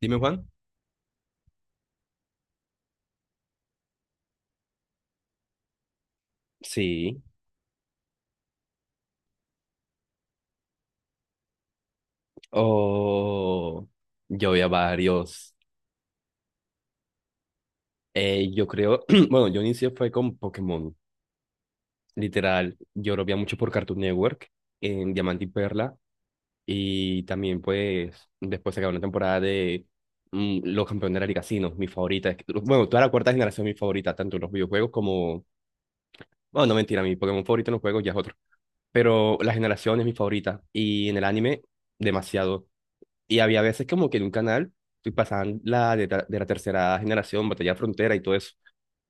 Dime, Juan. Sí, o yo vi a varios. Yo creo, bueno, yo inicié fue con Pokémon, literal. Yo lo veía mucho por Cartoon Network, en Diamante y Perla, y también pues después se acabó una temporada de Los Campeones de la Liga Sino, mi favorita. Es que- Bueno, toda la cuarta generación es mi favorita, tanto en los videojuegos como... Bueno, no mentira, mi Pokémon favorito en los juegos ya es otro. Pero la generación es mi favorita, y en el anime, demasiado. Y había veces como que en un canal y pasaban la de, ta- de la tercera generación, Batalla Frontera y todo eso.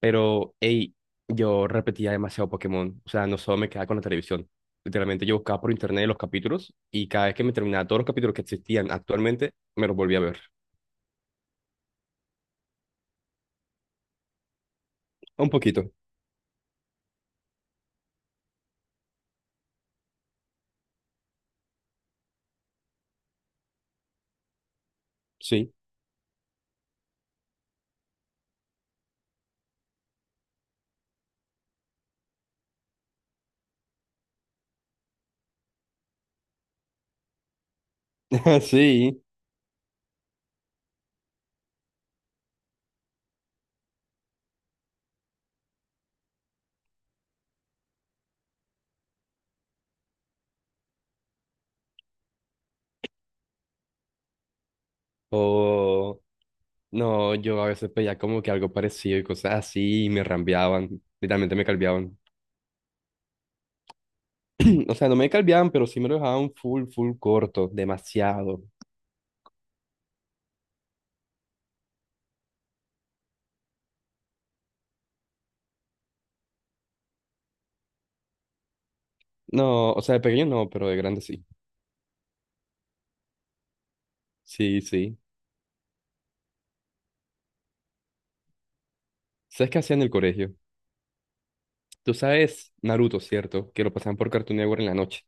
Pero, hey, yo repetía demasiado Pokémon. O sea, no solo me quedaba con la televisión. Literalmente yo buscaba por internet los capítulos y cada vez que me terminaba todos los capítulos que existían actualmente, me los volvía a ver. Un poquito, sí. Sí. O no, yo a veces pedía como que algo parecido y cosas así y me rambeaban. Literalmente me calveaban. O sea, no me calveaban, pero sí me lo dejaban full, full corto, demasiado. No, o sea, de pequeño no, pero de grande sí. Sí, sí. ¿Sabes qué hacía en el colegio? Tú sabes Naruto, ¿cierto? Que lo pasaban por Cartoon Network en la noche.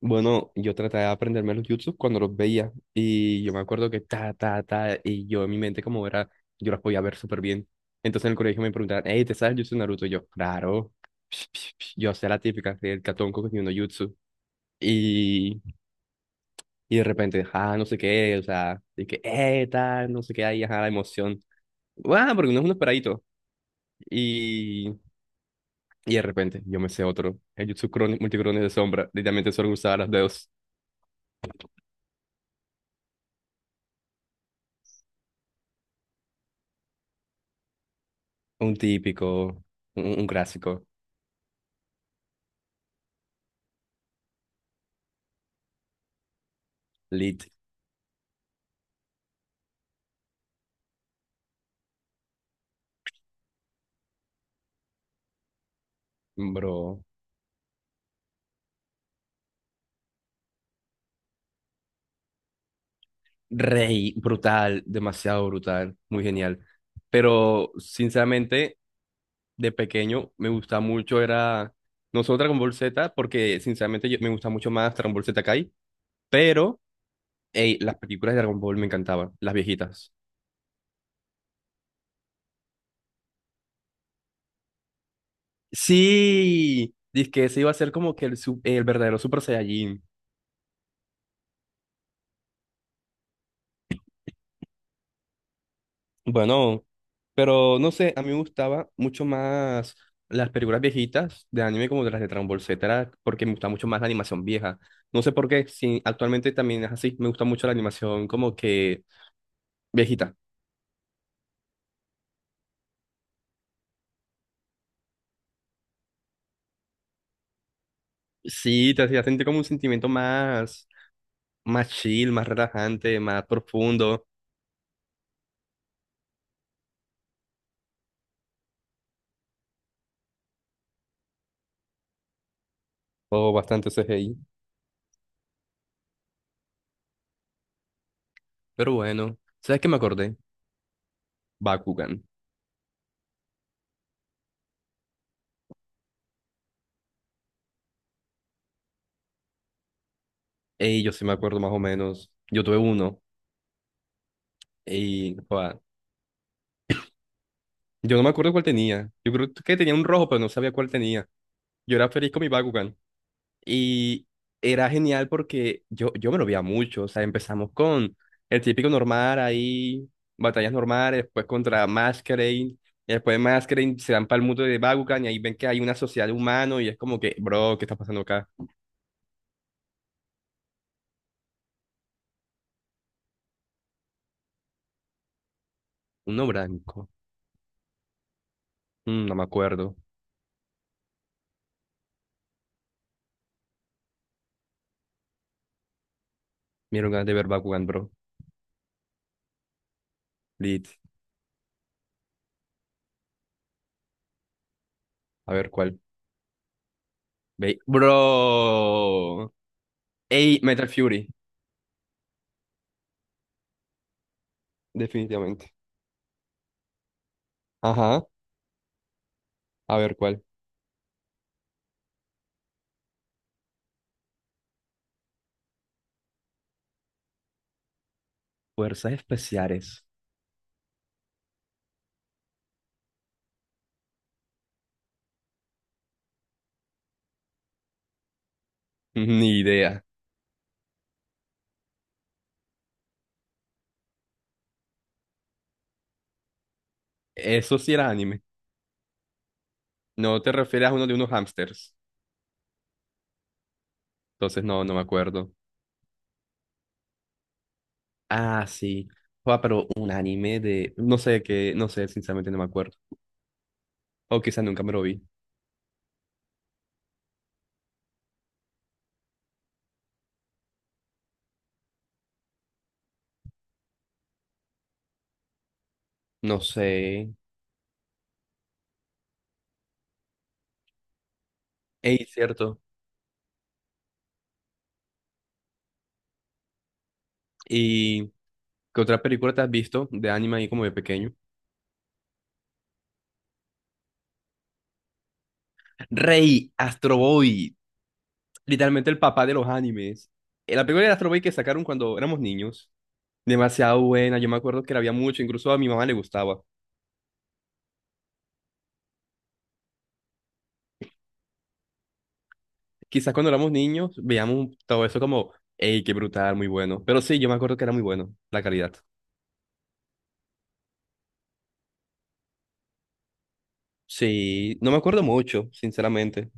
Bueno, yo trataba de aprenderme los jutsus cuando los veía. Y yo me acuerdo que ta, ta, ta. Y yo en mi mente, como era, yo las podía ver súper bien. Entonces en el colegio me preguntaban, hey, ¿te sabes el jutsu de Naruto? Y yo, claro. Psh, psh, psh. Yo hacía la típica, el catonco que tiene uno jutsu. Y, y de repente, ah, no sé qué, o sea, y que, tal, no sé qué, ahí, ajá, la emoción. Guau, porque uno es un esperadito. Y, y de repente yo me sé otro. El Jutsu Crone- Multicrones de Sombra. Literalmente solo usaba las dos. Un típico, un clásico. Lit, bro. Rey, brutal, demasiado brutal, muy genial. Pero sinceramente, de pequeño me gustaba mucho, era. No solo Dragon Ball Z, porque sinceramente yo- me gusta mucho más Dragon Ball Z Kai, pero ey, las películas de Dragon Ball me encantaban, las viejitas. Sí, dice que ese iba a ser como que el, su- el verdadero Super Saiyajin. Bueno, pero no sé, a mí me gustaba mucho más las películas viejitas de anime como de las de Dragon Ball Z, era porque me gusta mucho más la animación vieja. No sé por qué, sí, actualmente también es así, me gusta mucho la animación como que viejita. Sí, te hacía sentir como un sentimiento más, más chill, más relajante, más profundo, o bastante CGI. Pero bueno, ¿sabes qué me acordé? Bakugan. Ey, yo sí me acuerdo más o menos. Yo tuve uno. Y, joda, yo no me acuerdo cuál tenía. Yo creo que tenía un rojo, pero no sabía cuál tenía. Yo era feliz con mi Bakugan. Y era genial porque yo me lo veía mucho. O sea, empezamos con el típico normal ahí, batallas normales, después contra Masquerade. Y después de Masquerade se van para el mundo de Bakugan y ahí ven que hay una sociedad de humanos y es como que, bro, ¿qué está pasando acá? Uno blanco. No me acuerdo. Me dieron ganas de ver Bakugan, bro. Lit. A ver cuál. Ve- Bro. Ey, Metal Fury, definitivamente. Ajá, a ver cuál. Fuerzas especiales. Ni idea. Eso sí era anime. No te refieres a uno de unos hamsters. Entonces no, no me acuerdo. Ah, sí. Joa, pero un anime de... No sé qué, no sé, sinceramente no me acuerdo. O quizás nunca me lo vi. No sé. Ey, cierto. ¿Y qué otra película te has visto de anime ahí como de pequeño? Rey, Astro Boy. Literalmente el papá de los animes. La película de Astro Boy que sacaron cuando éramos niños, demasiado buena, yo me acuerdo que la había mucho, incluso a mi mamá le gustaba. Quizás cuando éramos niños veíamos todo eso como, hey, qué brutal, muy bueno. Pero sí, yo me acuerdo que era muy bueno, la calidad. Sí, no me acuerdo mucho, sinceramente.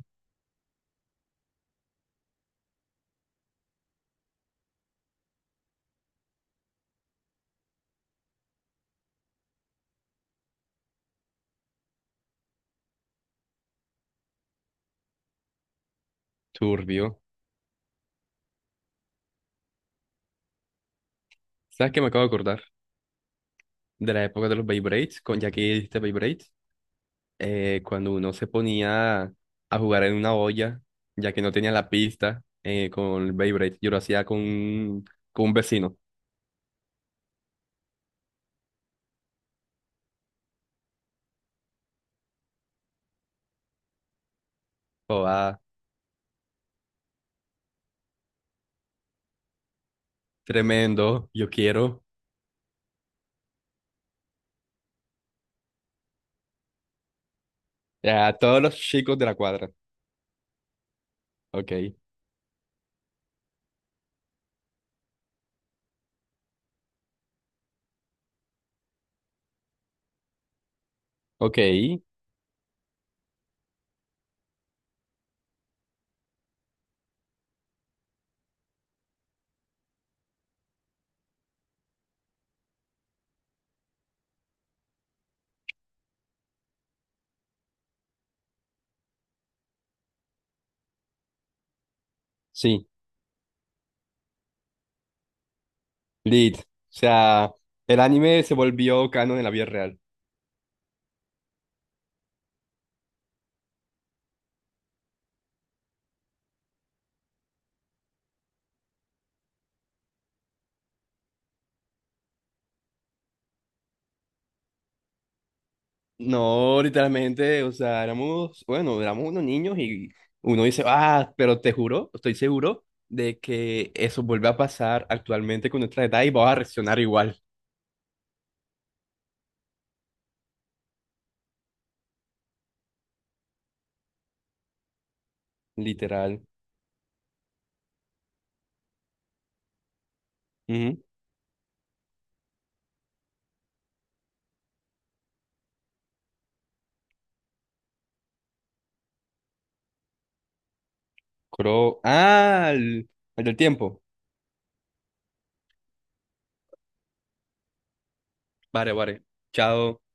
Turbio. ¿Sabes qué me acabo de acordar? De la época de los Beyblades, con ya que dijiste Beyblade. Cuando uno se ponía a jugar en una olla, ya que no tenía la pista con el Beyblade. Yo lo hacía con un vecino. Oh, ah, tremendo, yo quiero. A todos los chicos de la cuadra. Ok, ok, sí, lit. O sea, el anime se volvió canon en la vida real. No, literalmente, o sea, éramos, bueno, éramos unos niños y uno dice, ah, pero te juro, estoy seguro de que eso vuelve a pasar actualmente con nuestra edad y vamos a reaccionar igual, literal. Ujú. Coro- ah, el del tiempo. Vale, vale. Chao.